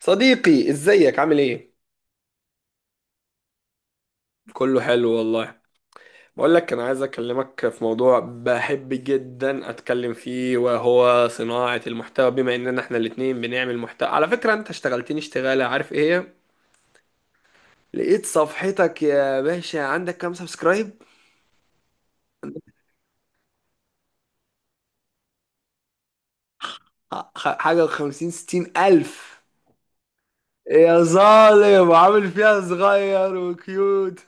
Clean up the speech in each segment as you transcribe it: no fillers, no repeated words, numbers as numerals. صديقي، ازيك عامل ايه؟ كله حلو والله. بقول لك، انا عايز اكلمك في موضوع بحب جدا اتكلم فيه، وهو صناعة المحتوى. بما اننا احنا الاتنين بنعمل محتوى، على فكرة انت اشتغلتني اشتغالة، عارف ايه هي؟ لقيت صفحتك يا باشا. عندك كام سبسكرايب؟ حاجة وخمسين ستين الف؟ يا ظالم، عامل فيها صغير وكيوت.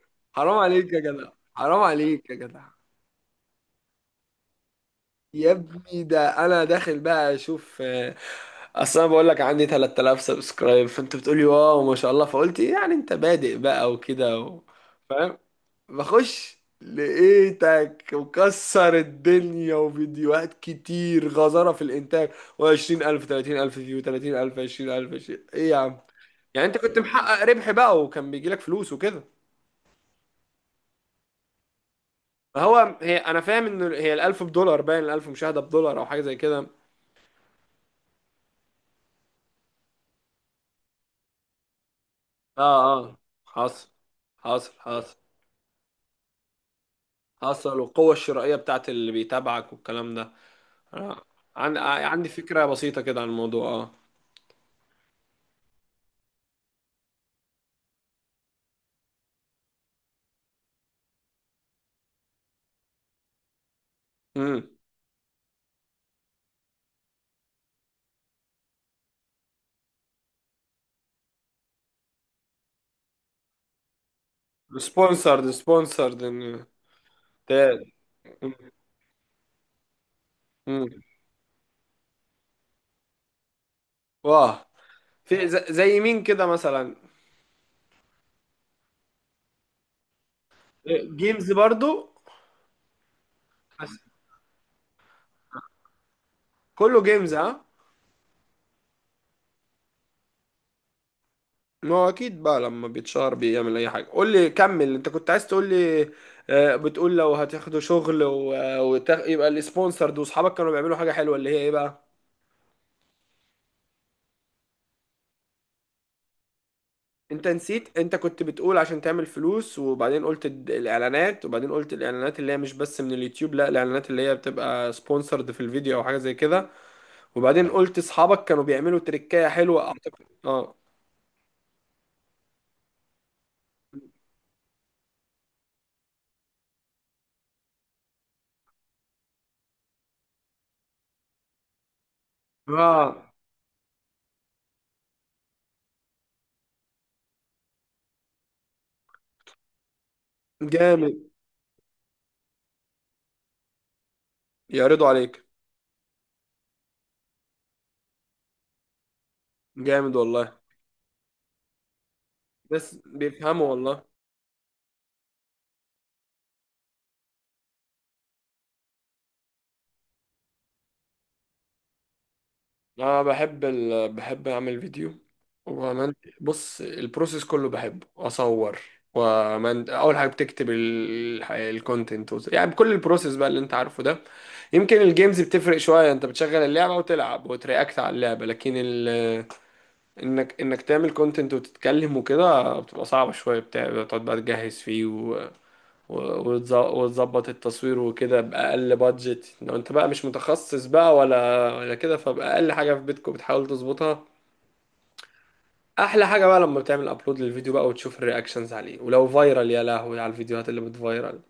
حرام عليك يا جدع، حرام عليك يا جدع. يا ابني، ده انا داخل بقى اشوف. اصل انا بقول لك عندي 3,000 سبسكرايب، فانت بتقولي واو ما شاء الله، فقلت إيه، يعني انت بادئ بقى وكده فاهم. بخش لقيتك مكسر الدنيا وفيديوهات كتير، غزارة في الانتاج، و20000 30,000 فيو، 30,000 20,000 20، ايه يا عم. يعني انت كنت محقق ربح بقى وكان بيجيلك فلوس وكده؟ فهو هي انا فاهم ان هي ال1000 بدولار، باين ال1000 مشاهدة بدولار او حاجة زي كده. اه اه. حصل حصل حصل حصل. والقوة الشرائية بتاعت اللي بيتابعك والكلام ده. أنا عندي فكرة بسيطة كده عن الموضوع. اه. امم. سبونسرد سبونسرد. تاد. امم. واه. في زي مين كده مثلا؟ جيمز برضو. بس كله جيمز، ها؟ ما هو اكيد بقى لما بيتشهر بيعمل اي حاجة. قول لي، كمل انت كنت عايز تقول لي. بتقول لو هتاخدوا شغل يبقى السبونسرد، واصحابك كانوا بيعملوا حاجة حلوة اللي هي ايه بقى؟ انت نسيت، انت كنت بتقول عشان تعمل فلوس، وبعدين قلت الاعلانات، وبعدين قلت الاعلانات اللي هي مش بس من اليوتيوب، لا، الاعلانات اللي هي بتبقى سبونسرد في الفيديو او حاجة زي كده. وبعدين قلت اصحابك كانوا بيعملوا تريكاية حلوة، اعتقد. اه اه. جامد. يعرضوا عليك. جامد والله. بس بيفهموا والله. انا بحب بحب اعمل فيديو. ومن... بص، البروسيس كله بحبه. اصور اول حاجه بتكتب الكونتنت يعني بكل البروسيس بقى اللي انت عارفه ده. يمكن الجيمز بتفرق شويه، انت بتشغل اللعبه وتلعب وترياكت على اللعبه، لكن انك تعمل كونتنت وتتكلم وكده بتبقى صعبه شويه. بتاع، بتقعد بقى تجهز فيه وتظبط التصوير وكده بأقل بادجت، لو انت بقى مش متخصص بقى ولا كده، فبأقل حاجة في بيتكم بتحاول تظبطها. أحلى حاجة بقى لما بتعمل أبلود للفيديو بقى وتشوف الرياكشنز عليه، ولو فايرال، يا لهوي على الفيديوهات اللي بتفايرال.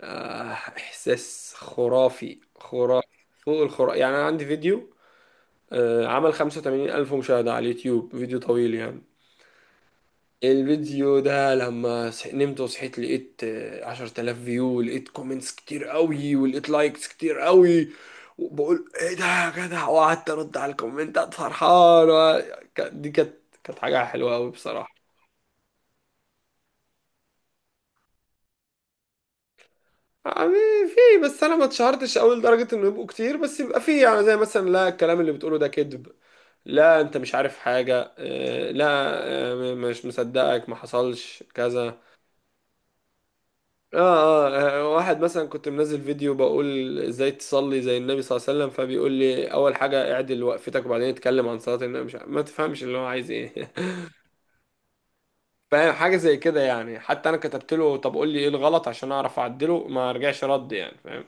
آه، إحساس خرافي، خرافي، فوق الخرافي يعني. أنا عندي فيديو، آه، عمل 85 ألف مشاهدة على اليوتيوب، فيديو طويل يعني. الفيديو ده لما نمت وصحيت لقيت 10 آلاف فيو، لقيت كومنتس كتير قوي ولقيت لايكس كتير قوي، وبقول ايه ده يا جدع، وقعدت ارد على الكومنتات فرحان دي كانت، كانت حاجة حلوة قوي بصراحة. يعني في، بس انا ما اتشهرتش قوي لدرجة انه يبقوا كتير، بس يبقى في يعني زي مثلا، لا الكلام اللي بتقوله ده كذب، لا انت مش عارف حاجة. آه، لا. مش مصدقك، ما حصلش كذا. واحد مثلا كنت منزل فيديو بقول ازاي تصلي زي النبي صلى الله عليه وسلم، فبيقول لي اول حاجة اعدل وقفتك وبعدين اتكلم عن صلاة النبي، مش ما تفهمش اللي هو عايز ايه. فاهم، حاجة زي كده يعني. حتى انا كتبت له طب قول لي ايه الغلط عشان اعرف اعدله، ما رجعش رد، يعني فاهم.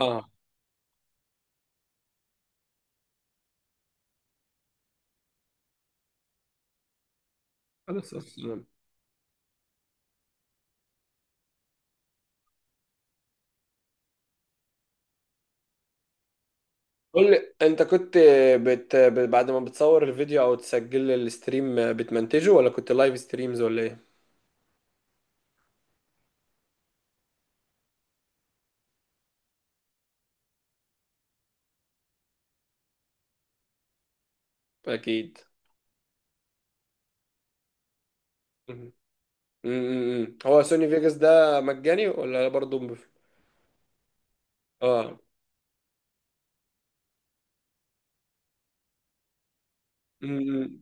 اه. خلاص أصلاً. قول لي، انت كنت بعد ما بتصور الفيديو او تسجل الستريم بتمنتجه، ولا كنت لايف ستريمز ولا ايه؟ اكيد. مم. مم. هو سوني فيجاس ده مجاني ولا برضه؟ اه. أمم.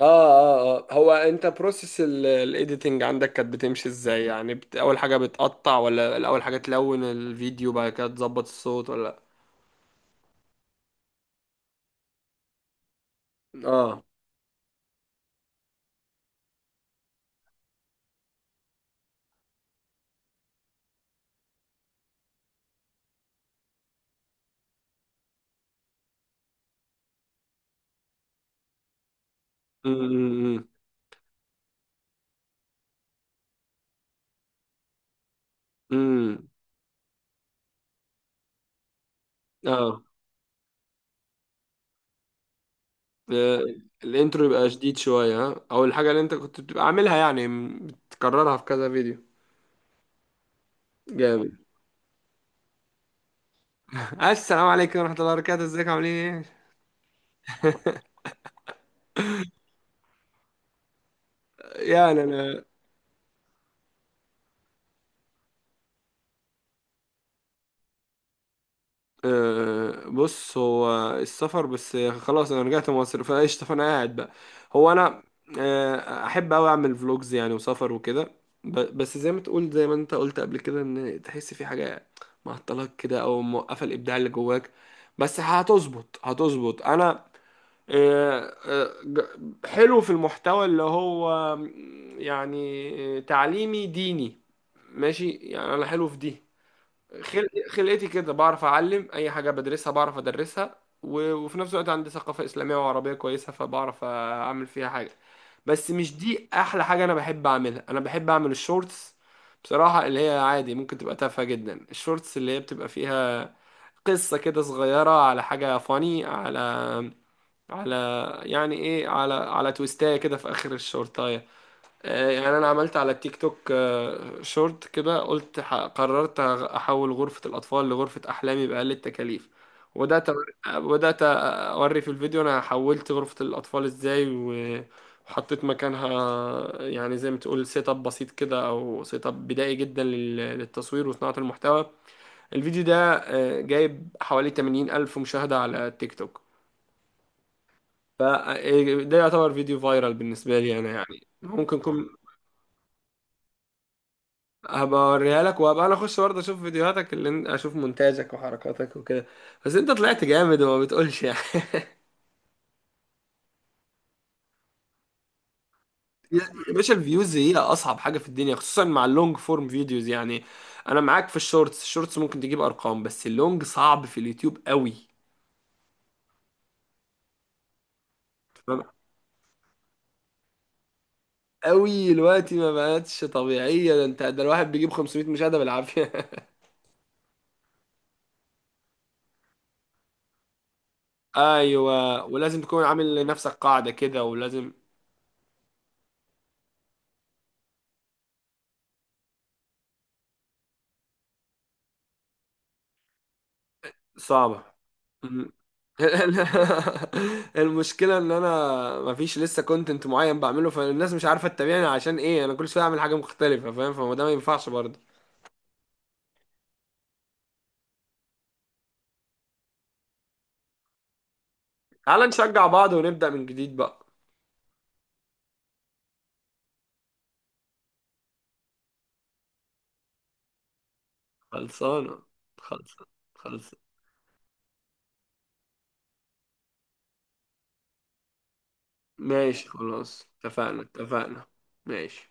اه اه اه، هو انت بروسيس الايديتنج عندك كانت بتمشي ازاي؟ يعني بت، اول حاجه بتقطع، ولا الاول حاجه تلون الفيديو بعد كده تظبط الصوت، ولا؟ اه. امم. امم. اه. آه، الانترو يبقى شديد شويه ها، او الحاجه اللي انت كنت بتبقى عاملها يعني بتكررها في كذا فيديو. جامد. السلام عليكم ورحمه الله وبركاته، ازيك، عاملين ايه؟ يعني انا، أه بص، هو السفر بس خلاص، انا رجعت مصر فقشطة، فانا قاعد بقى. هو انا، أه احب اوي اعمل فلوجز يعني وسفر وكده. بس زي ما تقول، زي ما انت قلت قبل كده، ان تحس في حاجة معطلاك كده او موقفة الابداع اللي جواك، بس هتظبط هتظبط. انا، حلو في المحتوى اللي هو يعني تعليمي ديني، ماشي، يعني انا حلو في دي. خلقتي كده، بعرف اعلم اي حاجه بدرسها بعرف ادرسها، وفي نفس الوقت عندي ثقافه اسلاميه وعربيه كويسه، فبعرف اعمل فيها حاجه. بس مش دي احلى حاجه انا بحب اعملها، انا بحب اعمل الشورتس بصراحه، اللي هي عادي ممكن تبقى تافهه جدا. الشورتس اللي هي بتبقى فيها قصه كده صغيره على حاجه، فاني على، على، يعني ايه، على على تويستايه كده في اخر الشورتايه. يعني انا عملت على التيك توك، شورت كده قلت قررت احول غرفة الاطفال لغرفة احلامي باقل التكاليف، وبدات بدات اوري في الفيديو انا حولت غرفة الاطفال ازاي، و وحطيت مكانها يعني زي ما تقول سيت اب بسيط كده، او سيت اب بدائي جدا للتصوير وصناعة المحتوى. الفيديو ده، جايب حوالي 80 الف مشاهدة على التيك توك، فده يعتبر فيديو فايرال بالنسبة لي انا، يعني ممكن يكون. هبقى اوريها لك، وهبقى انا اخش برضه اشوف فيديوهاتك اللي انت، اشوف مونتاجك وحركاتك وكده. بس انت طلعت جامد وما بتقولش يعني. يا باشا، الفيوز هي اصعب حاجه في الدنيا خصوصا مع اللونج فورم فيديوز يعني. انا معاك في الشورتس، الشورتس ممكن تجيب ارقام، بس اللونج صعب في اليوتيوب قوي. تمام؟ قوي دلوقتي ما بقتش طبيعيه، ده انت ده الواحد بيجيب 500 مشاهده بالعافيه. ايوه، ولازم تكون عامل لنفسك قاعده كده، ولازم. صعبة. م. المشكلة ان انا مفيش لسه كونتنت معين بعمله، فالناس مش عارفة تتابعني عشان ايه، انا كل شوية اعمل حاجة مختلفة، فاهم؟ فما ده ما ينفعش برضه. تعال نشجع بعض ونبدأ من جديد بقى. خلصانة خلصانة خلصانة. ماشي خلاص، اتفقنا اتفقنا. ماشي.